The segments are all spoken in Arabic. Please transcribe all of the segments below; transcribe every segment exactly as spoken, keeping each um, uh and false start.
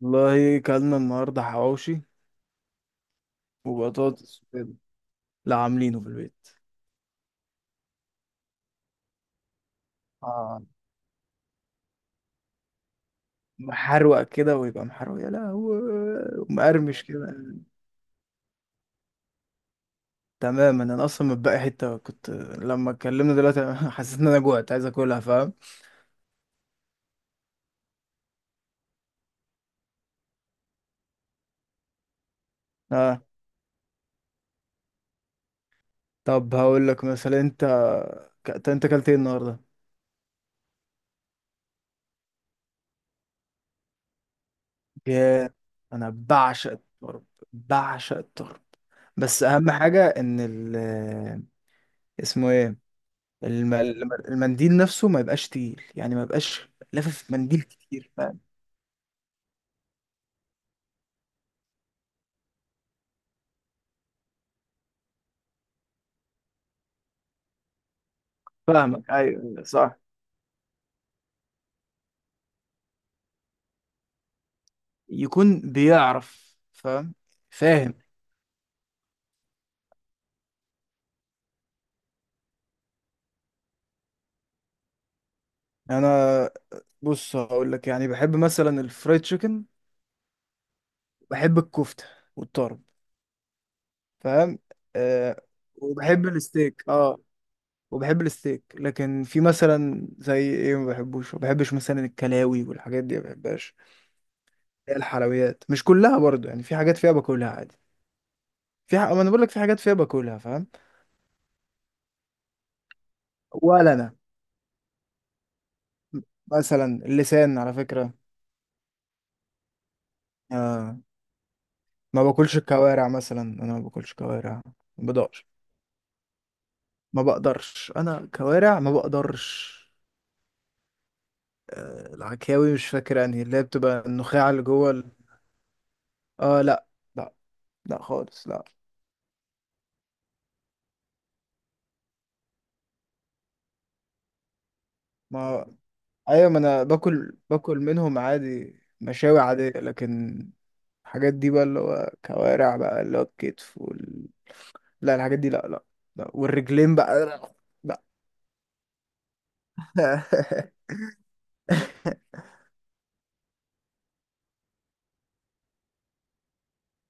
والله كلنا النهارده حواوشي وبطاطس وكده. لا، عاملينه في البيت. اه، محروق كده، ويبقى محروق يا لهوي، ومقرمش كده. تماما، انا اصلا متبقي حته. كنت لما اتكلمنا دلوقتي حسيت ان انا جوعت، عايز اكلها، فاهم؟ اه. طب هقول لك مثلا، انت ك- انت اكلت ايه النهارده؟ يا، انا بعشق الطرب. بعشق الطرب. بس اهم حاجه ان ال، اسمه ايه، الم... الم- المنديل نفسه ما يبقاش تقيل، يعني ما يبقاش لافف منديل كتير، فاهم؟ فاهمك، ايوه صح. يكون بيعرف، فاهم؟ فاهم. انا، بص هقول لك، يعني بحب مثلا الفرايد تشيكن. بحب الكفته والطرب، فاهم؟ أه. وبحب الستيك، اه، وبحب الستيك. لكن في مثلا زي ايه ما بحبوش، ما بحبش مثلا الكلاوي والحاجات دي، ما بحبهاش. الحلويات مش كلها برضو، يعني في حاجات فيها باكلها عادي. في ح... ما انا بقول لك في حاجات فيها باكلها، فاهم؟ ولا انا. مثلا اللسان على فكرة. آه، ما باكلش الكوارع مثلا، انا ما باكلش كوارع. ما بقدرش. ما بقدرش انا كوارع ما بقدرش. آه، العكاوي مش فاكر انهي اللي هي بتبقى النخاع اللي جوه ال... اه لا. لا. لا خالص، لا. ما، ايوه ما انا باكل باكل منهم عادي، مشاوي عادية، لكن الحاجات دي بقى، اللي هو كوارع بقى، اللي هو الكتف وال... لا الحاجات دي لا، لا، لا. والرجلين بقى، لا. لا.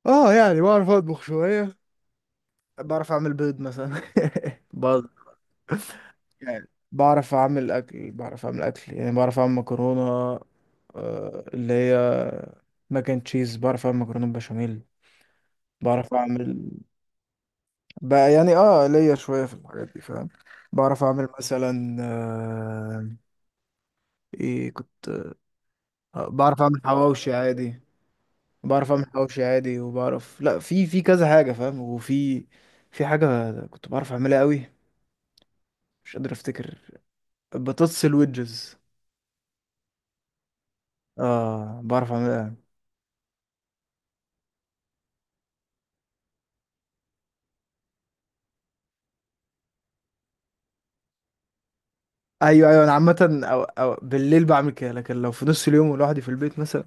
اه، يعني بعرف اطبخ شوية. بعرف اعمل بيض مثلا. بعض يعني. بعرف اعمل اكل بعرف اعمل اكل يعني، بعرف اعمل مكرونة. آه، اللي هي ماك اند تشيز. بعرف اعمل مكرونة بشاميل. بعرف اعمل، بقى يعني، اه ليا شوية في الحاجات دي، فاهم؟ بعرف اعمل مثلا آه، ايه كنت؟ آه، بعرف اعمل حواوشي عادي. بعرف اعمل حواوشي عادي، وبعرف، لا في في كذا حاجة، فاهم؟ وفي في حاجة كنت بعرف اعملها قوي، مش قادر افتكر. بطاطس الويدجز. اه، بعرف اعملها. ايوه ايوه، انا عامه أو أو بالليل بعمل كده، لكن لو في نص اليوم لوحدي في البيت مثلا،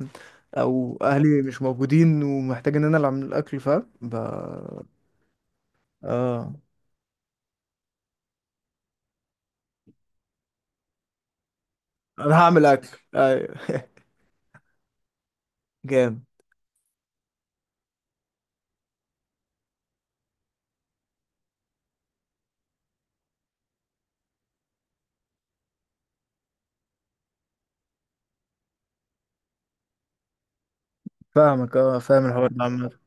او اهلي مش موجودين ومحتاج ان انا اللي اعمل الاكل، فاهم؟ ب... اه انا هعمل اكل، ايوه. جامد. فاهمك، اه فاهم الحوار ده عامه.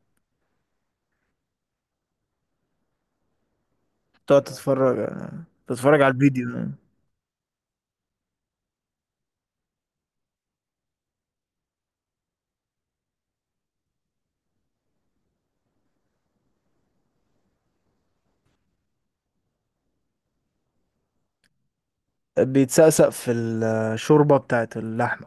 تقعد تتفرج، آه، تتفرج على الفيديو. آه. بيتسقسق في الشوربه بتاعت اللحمه.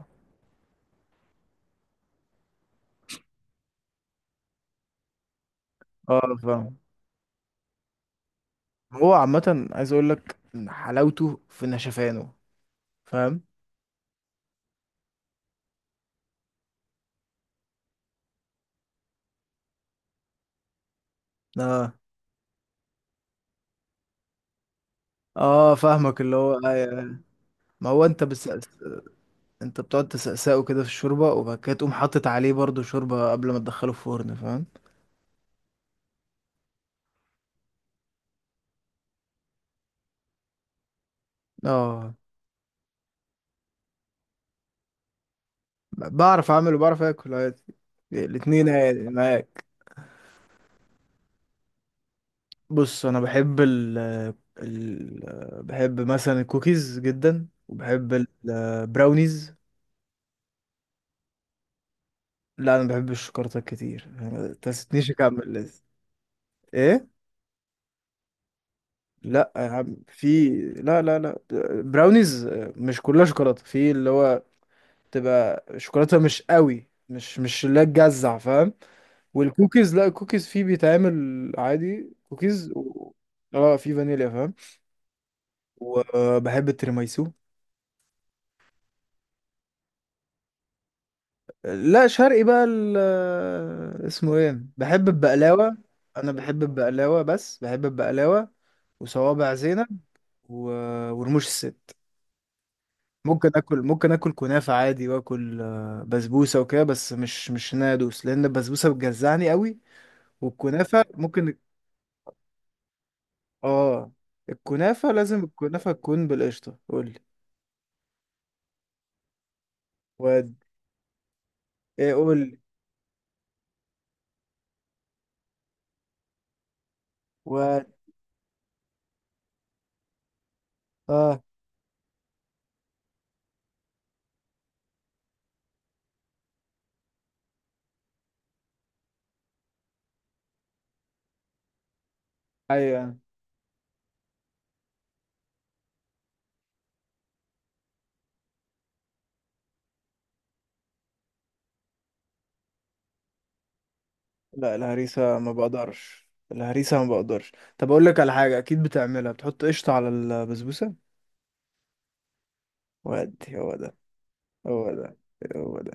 اه فاهم. هو عامه عايز اقول لك إن حلاوته في نشفانه، فاهم؟ اه اه. فاهمك، اللي هو أيوة. ما هو انت بس، انت بتقعد تسقسقه كده في الشوربه، وبعد كده تقوم حاطط عليه برضو شوربه قبل ما تدخله الفرن، فاهم؟ اه، بعرف اعمل وبعرف اكل عادي، الاتنين عادي معاك. بص انا بحب ال ال بحب مثلا الكوكيز جدا، وبحب البراونيز. لا انا بحب الشوكولاته كتير، ما تستنيش اكمل لسه. ايه؟ لا يا عم، في، لا لا لا، براونيز مش كلها شوكولاته، في اللي هو تبقى شوكولاته مش قوي، مش مش اللي هي تجزع، فاهم؟ والكوكيز لا، الكوكيز فيه بيتعمل عادي كوكيز و... اه في فانيليا، فاهم. وبحب التيراميسو. لا شرقي بقى، ال... اسمه ايه، بحب البقلاوه. انا بحب البقلاوه، بس بحب البقلاوه، وصوابع زينب و... ورموش الست. ممكن اكل، ممكن اكل كنافه عادي، واكل آه، بسبوسه وكده، بس مش مش ان انا ادوس، لان البسبوسه بتجزعني قوي. والكنافه ممكن. اه. الكنافه لازم الكنافه تكون بالقشطه. قول لي، واد، ايه قول لي واد، اه ايوه. لا الهريسه ما بقدرش، الهريسه ما بقدرش. طب اقول لك على حاجه، اكيد بتعملها، بتحط قشطه على البسبوسه. واد هو ده. هو ده. هو ده.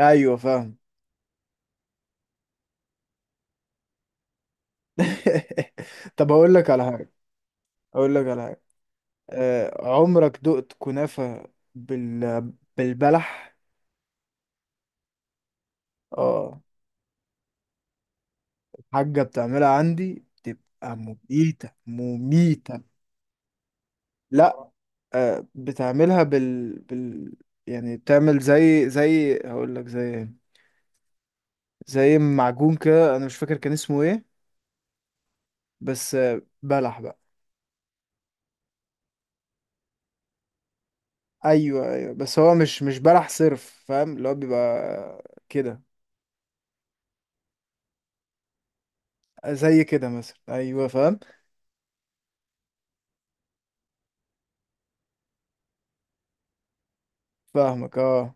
ايوه فاهم. طب اقول لك على حاجه، اقول لك على حاجه، آه، عمرك دقت كنافة بال... بالبلح؟ اه. الحاجة بتعملها عندي بتبقى مميتة مميتة. لا، آه، بتعملها بال... بال يعني بتعمل زي زي هقول لك زي إيه؟ زي معجون كده، انا مش فاكر كان اسمه ايه، بس آه، بلح بقى. ايوه ايوه، بس هو مش مش بلح صرف، فاهم؟ اللي هو بيبقى كده. زي كده مثلا، ايوه فاهم. فاهمك، اه.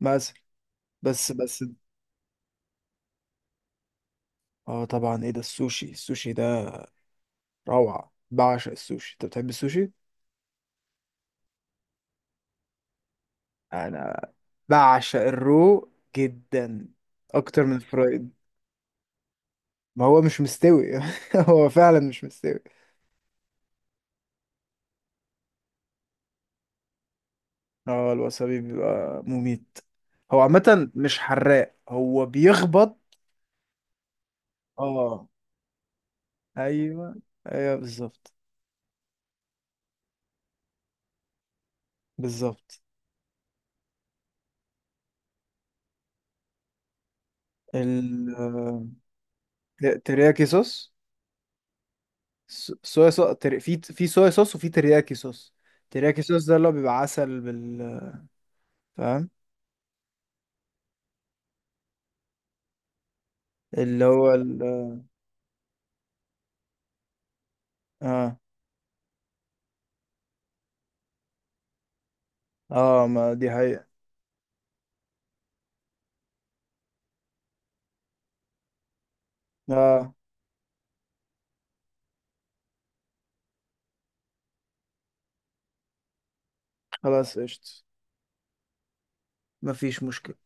مثلا، بس بس اه طبعا. ايه ده السوشي؟ السوشي ده روعة، بعشق السوشي. انت بتحب السوشي؟ انا بعشق الرو جدا، اكتر من الفرايد. ما هو مش مستوي هو فعلا مش مستوي. اه الوسابي بيبقى مميت. هو عامة مش حراق، هو بيخبط. اه ايوه، ايوه بالظبط. بالظبط. ال، آه، ترياكي صوص. س- صويا صوص، تري... في في صويا صوص، وفي ترياكي صوص. ترياكي صوص ده اللي هو بيبقى عسل بال، فاهم. اللي هو ال، اه اه ما دي حقيقة. اه. خلاص قشطة، مفيش مشكلة.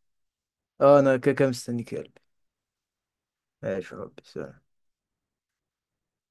اه انا كده كده مستنيك يا قلبي. ماشي، يا رب سلام.